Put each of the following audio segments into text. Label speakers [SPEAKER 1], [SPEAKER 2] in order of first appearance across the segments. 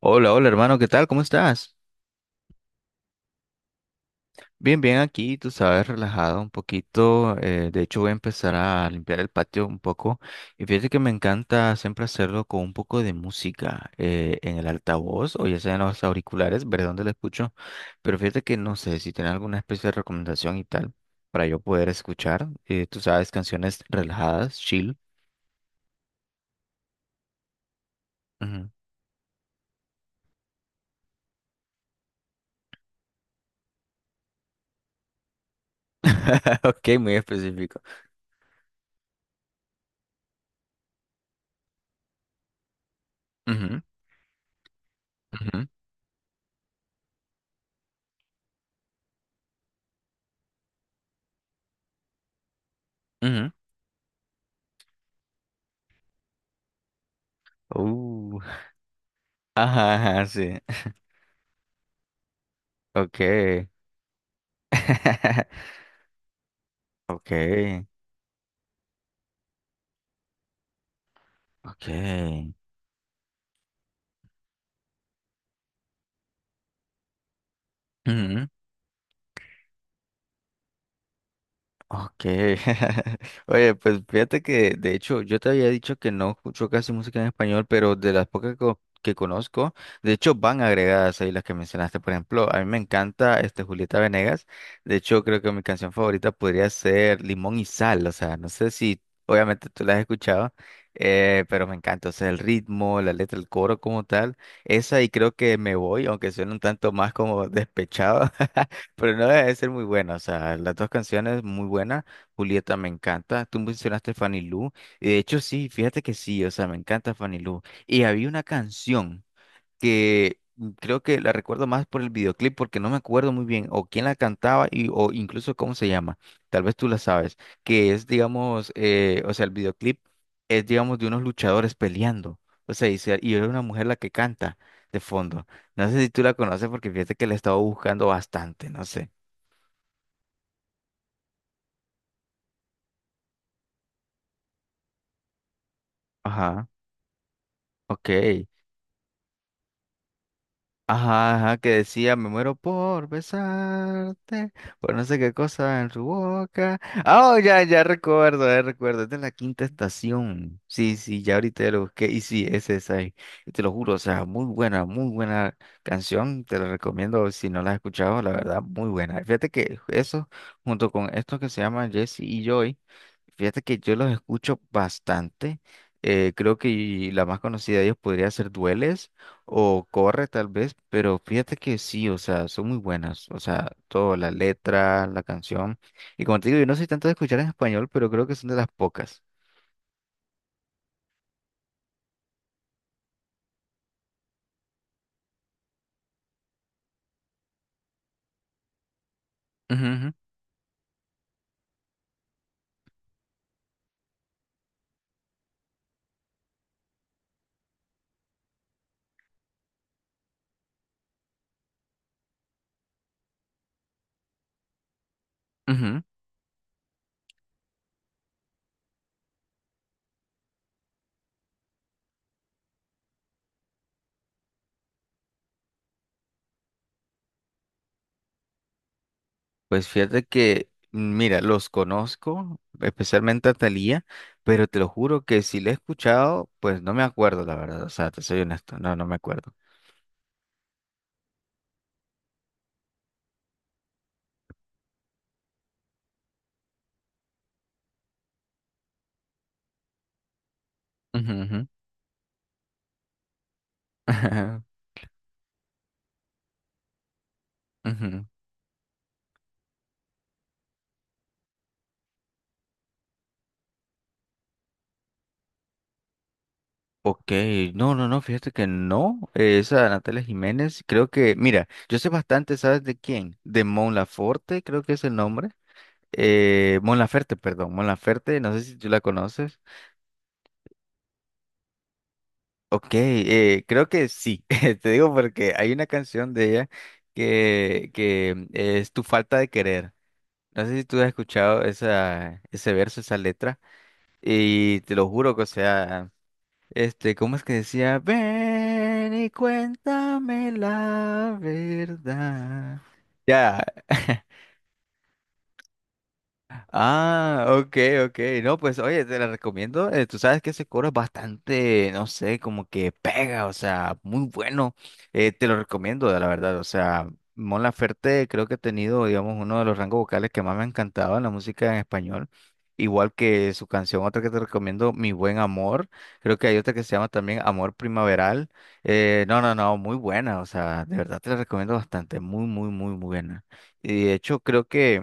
[SPEAKER 1] Hola, hola hermano, ¿qué tal? ¿Cómo estás? Bien, bien aquí, tú sabes, relajado un poquito. De hecho, voy a empezar a limpiar el patio un poco. Y fíjate que me encanta siempre hacerlo con un poco de música en el altavoz o ya sea en los auriculares, ver dónde lo escucho. Pero fíjate que no sé si tienes alguna especie de recomendación y tal para yo poder escuchar. Tú sabes, canciones relajadas, chill. Ujú. Ok, muy específico. Ujú, ujú, ujú. Ajá, ajá, sí. Ok. Ok, ok. Ujú. Ok. Oye, pues fíjate que de hecho yo te había dicho que no escucho casi música en español, pero de las pocas que conozco, de hecho van agregadas ahí las que mencionaste. Por ejemplo, a mí me encanta este Julieta Venegas. De hecho, creo que mi canción favorita podría ser Limón y Sal. O sea, no sé si obviamente tú la has escuchado, pero me encanta. O sea, el ritmo, la letra, el coro como tal. Esa y creo que Me Voy, aunque suene un tanto más como despechado. Pero no debe de ser muy buena, o sea, las dos canciones muy buenas. Julieta me encanta. Tú mencionaste Fanny Lu, y de hecho sí, fíjate que sí, o sea, me encanta Fanny Lu. Y había una canción que creo que la recuerdo más por el videoclip, porque no me acuerdo muy bien o quién la cantaba y, o incluso cómo se llama. Tal vez tú la sabes, que es, digamos, o sea, el videoclip es, digamos, de unos luchadores peleando. O sea, y, y es una mujer la que canta de fondo. No sé si tú la conoces porque fíjate que la he estado buscando bastante, no sé. Ajá, ok. Ajá, ajá, que decía, me muero por besarte, por no sé qué cosa en su boca. Ah, oh, ya, ya recuerdo, es de la quinta estación. Sí, sí, ya ahorita ya lo busqué y sí, es esa, ahí. Y te lo juro, o sea, muy buena canción, te la recomiendo si no la has escuchado, la verdad, muy buena. Fíjate que eso, junto con esto que se llama Jesse y Joy, fíjate que yo los escucho bastante. Creo que la más conocida de ellos podría ser Dueles. O corre tal vez, pero fíjate que sí, o sea, son muy buenas, o sea, toda la letra, la canción. Y como te digo, yo no soy tanto de escuchar en español, pero creo que son de las pocas. Ujú, ujú, ujú. Pues fíjate que, mira, los conozco, especialmente a Thalía, pero te lo juro que si la he escuchado, pues no me acuerdo, la verdad, o sea, te soy honesto, no, no me acuerdo. Ujú, ujú. Ujú, ok, no, no, no, fíjate que no, esa Natalia Jiménez, creo que, mira, yo sé bastante, ¿sabes de quién? De Mon Laferte, creo que es el nombre, Mon Laferte, perdón, Mon Laferte, no sé si tú la conoces, ok, creo que sí, te digo porque hay una canción de ella que es Tu falta de querer, no sé si tú has escuchado esa, ese verso, esa letra, y te lo juro que, o sea... Este, ¿cómo es que decía? Ven y cuéntame la verdad. Ya. Ah, ok, ok. No, pues oye, te la recomiendo. Tú sabes que ese coro es bastante, no sé, como que pega, o sea, muy bueno. Te lo recomiendo, la verdad. O sea, Mon Laferte creo que ha tenido, digamos, uno de los rangos vocales que más me ha encantado en la música en español. Igual que su canción, otra que te recomiendo, Mi Buen Amor. Creo que hay otra que se llama también Amor Primaveral. No, no, no, muy buena. O sea, de verdad te la recomiendo bastante. Muy, muy, muy buena. Y de hecho, creo que...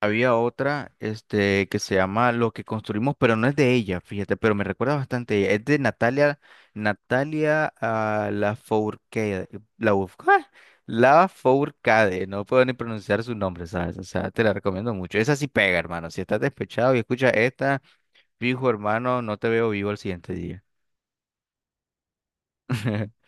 [SPEAKER 1] Había otra, este, que se llama Lo que construimos, pero no es de ella, fíjate, pero me recuerda bastante a ella. Es de Natalia, Natalia Lafourcade, la ¡ah! Lafourcade, no puedo ni pronunciar su nombre, ¿sabes? O sea, te la recomiendo mucho. Esa sí pega, hermano. Si estás despechado y escuchas esta, fijo, hermano, no te veo vivo al siguiente día.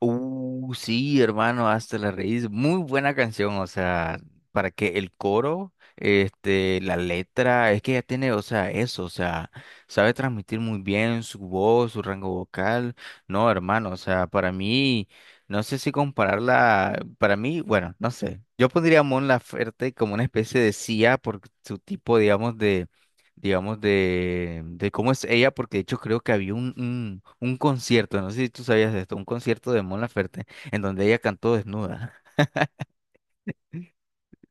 [SPEAKER 1] Sí, hermano, hasta la raíz. Muy buena canción, o sea, para que el coro, este, la letra, es que ella tiene, o sea, eso, o sea, sabe transmitir muy bien su voz, su rango vocal. No, hermano, o sea, para mí, no sé si compararla, para mí, bueno, no sé. Yo pondría a Mon Laferte como una especie de CIA por su tipo, digamos, de digamos, de cómo es ella, porque de hecho creo que había un concierto, no sé si tú sabías de esto, un concierto de Mon Laferte, en donde ella cantó desnuda.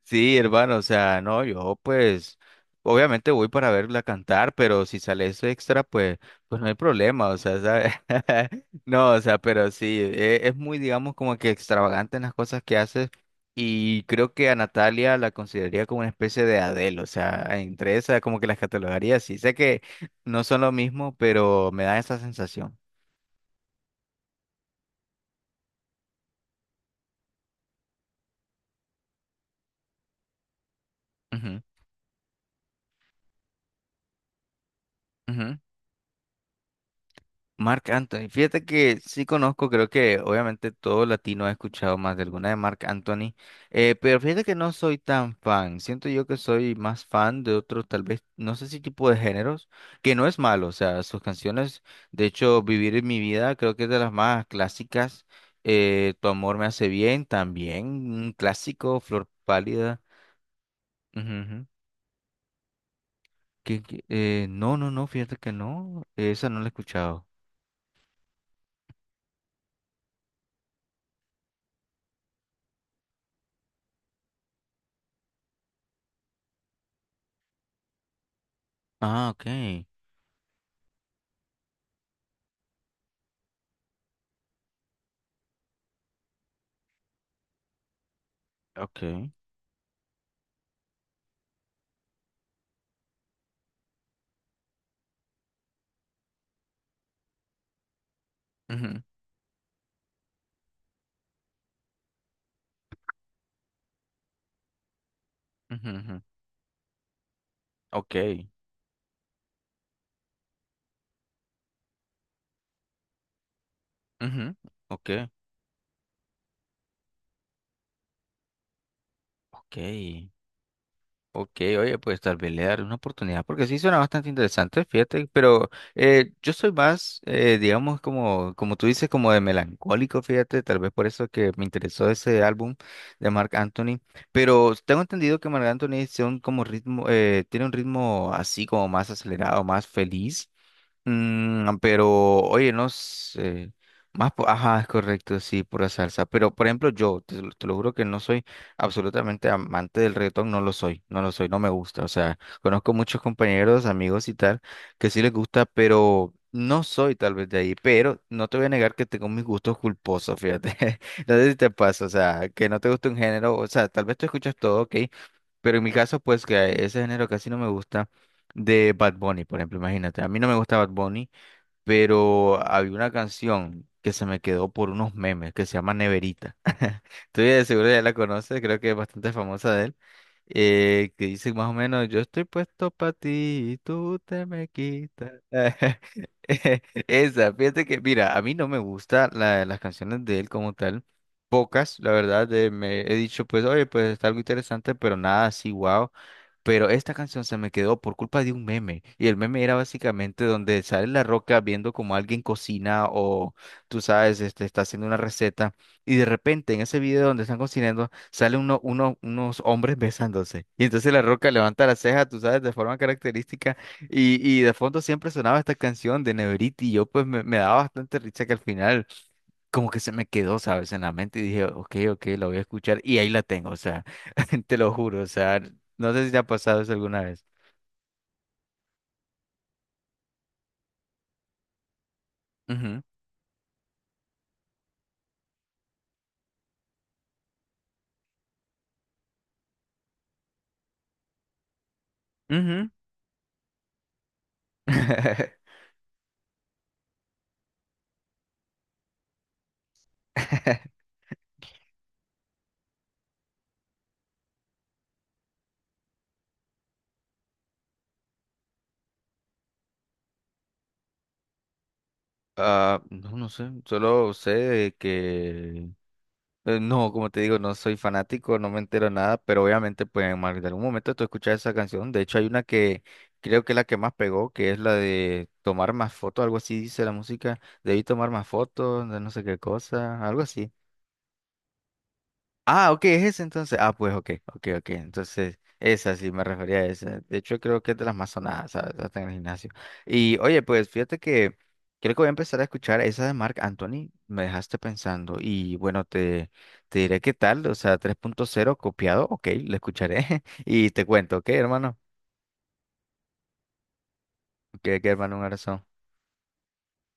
[SPEAKER 1] Sí, hermano, o sea, no, yo pues obviamente voy para verla cantar, pero si sale eso extra, pues, pues no hay problema, o sea, ¿sabes? No, o sea, pero sí, es muy, digamos, como que extravagante en las cosas que hace y creo que a Natalia la consideraría como una especie de Adele, o sea, entre esas como que las catalogaría sí, sé que no son lo mismo, pero me da esa sensación. Ujú, ujú. Marc Anthony, fíjate que sí conozco, creo que obviamente todo latino ha escuchado más de alguna de Marc Anthony, pero fíjate que no soy tan fan, siento yo que soy más fan de otros, tal vez, no sé si tipo de géneros, que no es malo, o sea, sus canciones, de hecho, Vivir en mi vida creo que es de las más clásicas, Tu amor me hace bien también, un clásico, Flor pálida, ujú, ujú. Que, no, no, no, fíjate que no, esa no la he escuchado. Ah, ok, ok. Ujú. Ujú, ujú. Ok, ujú, ok, ok, ok, oye, pues tal vez le daré una oportunidad porque sí suena bastante interesante, fíjate, pero yo soy más, digamos, como, como tú dices, como de melancólico, fíjate, tal vez por eso que me interesó ese álbum de Marc Anthony, pero tengo entendido que Marc Anthony tiene un, como ritmo, tiene un ritmo así como más acelerado, más feliz. Pero, oye, no sé. Más, ajá, es correcto, sí, pura salsa. Pero, por ejemplo, yo, te lo juro que no soy absolutamente amante del reggaetón, no lo soy, no lo soy, no me gusta. O sea, conozco muchos compañeros, amigos y tal, que sí les gusta, pero no soy tal vez de ahí. Pero no te voy a negar que tengo mis gustos culposos, fíjate. No sé si te pasa, o sea, que no te gusta un género, o sea, tal vez tú escuchas todo, ok, pero en mi caso, pues que ese género casi no me gusta de Bad Bunny, por ejemplo, imagínate, a mí no me gusta Bad Bunny, pero había una canción que se me quedó por unos memes que se llama Neverita. Estoy de seguro ya la conoces, creo que es bastante famosa de él, que dice más o menos, yo estoy puesto para ti y tú te me quitas. Esa, fíjate que, mira, a mí no me gusta las canciones de él como tal. Pocas, la verdad, me he dicho, pues, oye, pues está algo interesante, pero nada así, wow. Pero esta canción se me quedó por culpa de un meme. Y el meme era básicamente donde sale La Roca viendo como alguien cocina o tú sabes, este, está haciendo una receta. Y de repente en ese video donde están cocinando sale uno, unos hombres besándose. Y entonces La Roca levanta la ceja, tú sabes, de forma característica. Y de fondo siempre sonaba esta canción de Neveriti. Y yo pues me daba bastante risa que al final como que se me quedó, ¿sabes? En la mente y dije, ok, ok, la voy a escuchar y ahí la tengo, o sea, te lo juro, o sea, no sé si te ha pasado eso alguna vez. Ujú, ujú. Ah, no, no sé, solo sé de que... No, como te digo, no soy fanático, no me entero nada, pero obviamente pues en más de algún momento tú escuchas esa canción. De hecho hay una que creo que es la que más pegó, que es la de tomar más fotos, algo así dice la música. Debí tomar más fotos, de no sé qué cosa, algo así. Ah, ok, es ese entonces. Ah, pues ok, ok, ok. Entonces, esa sí me refería a esa. De hecho, creo que es de las más sonadas, ¿sabes? Hasta en el gimnasio. Y oye, pues fíjate que creo que voy a empezar a escuchar esa de Marc Anthony. Me dejaste pensando. Y bueno, te diré qué tal. O sea, 3.0 copiado. Ok, la escucharé. Y te cuento, ok, hermano. Ok, ok, hermano, un abrazo.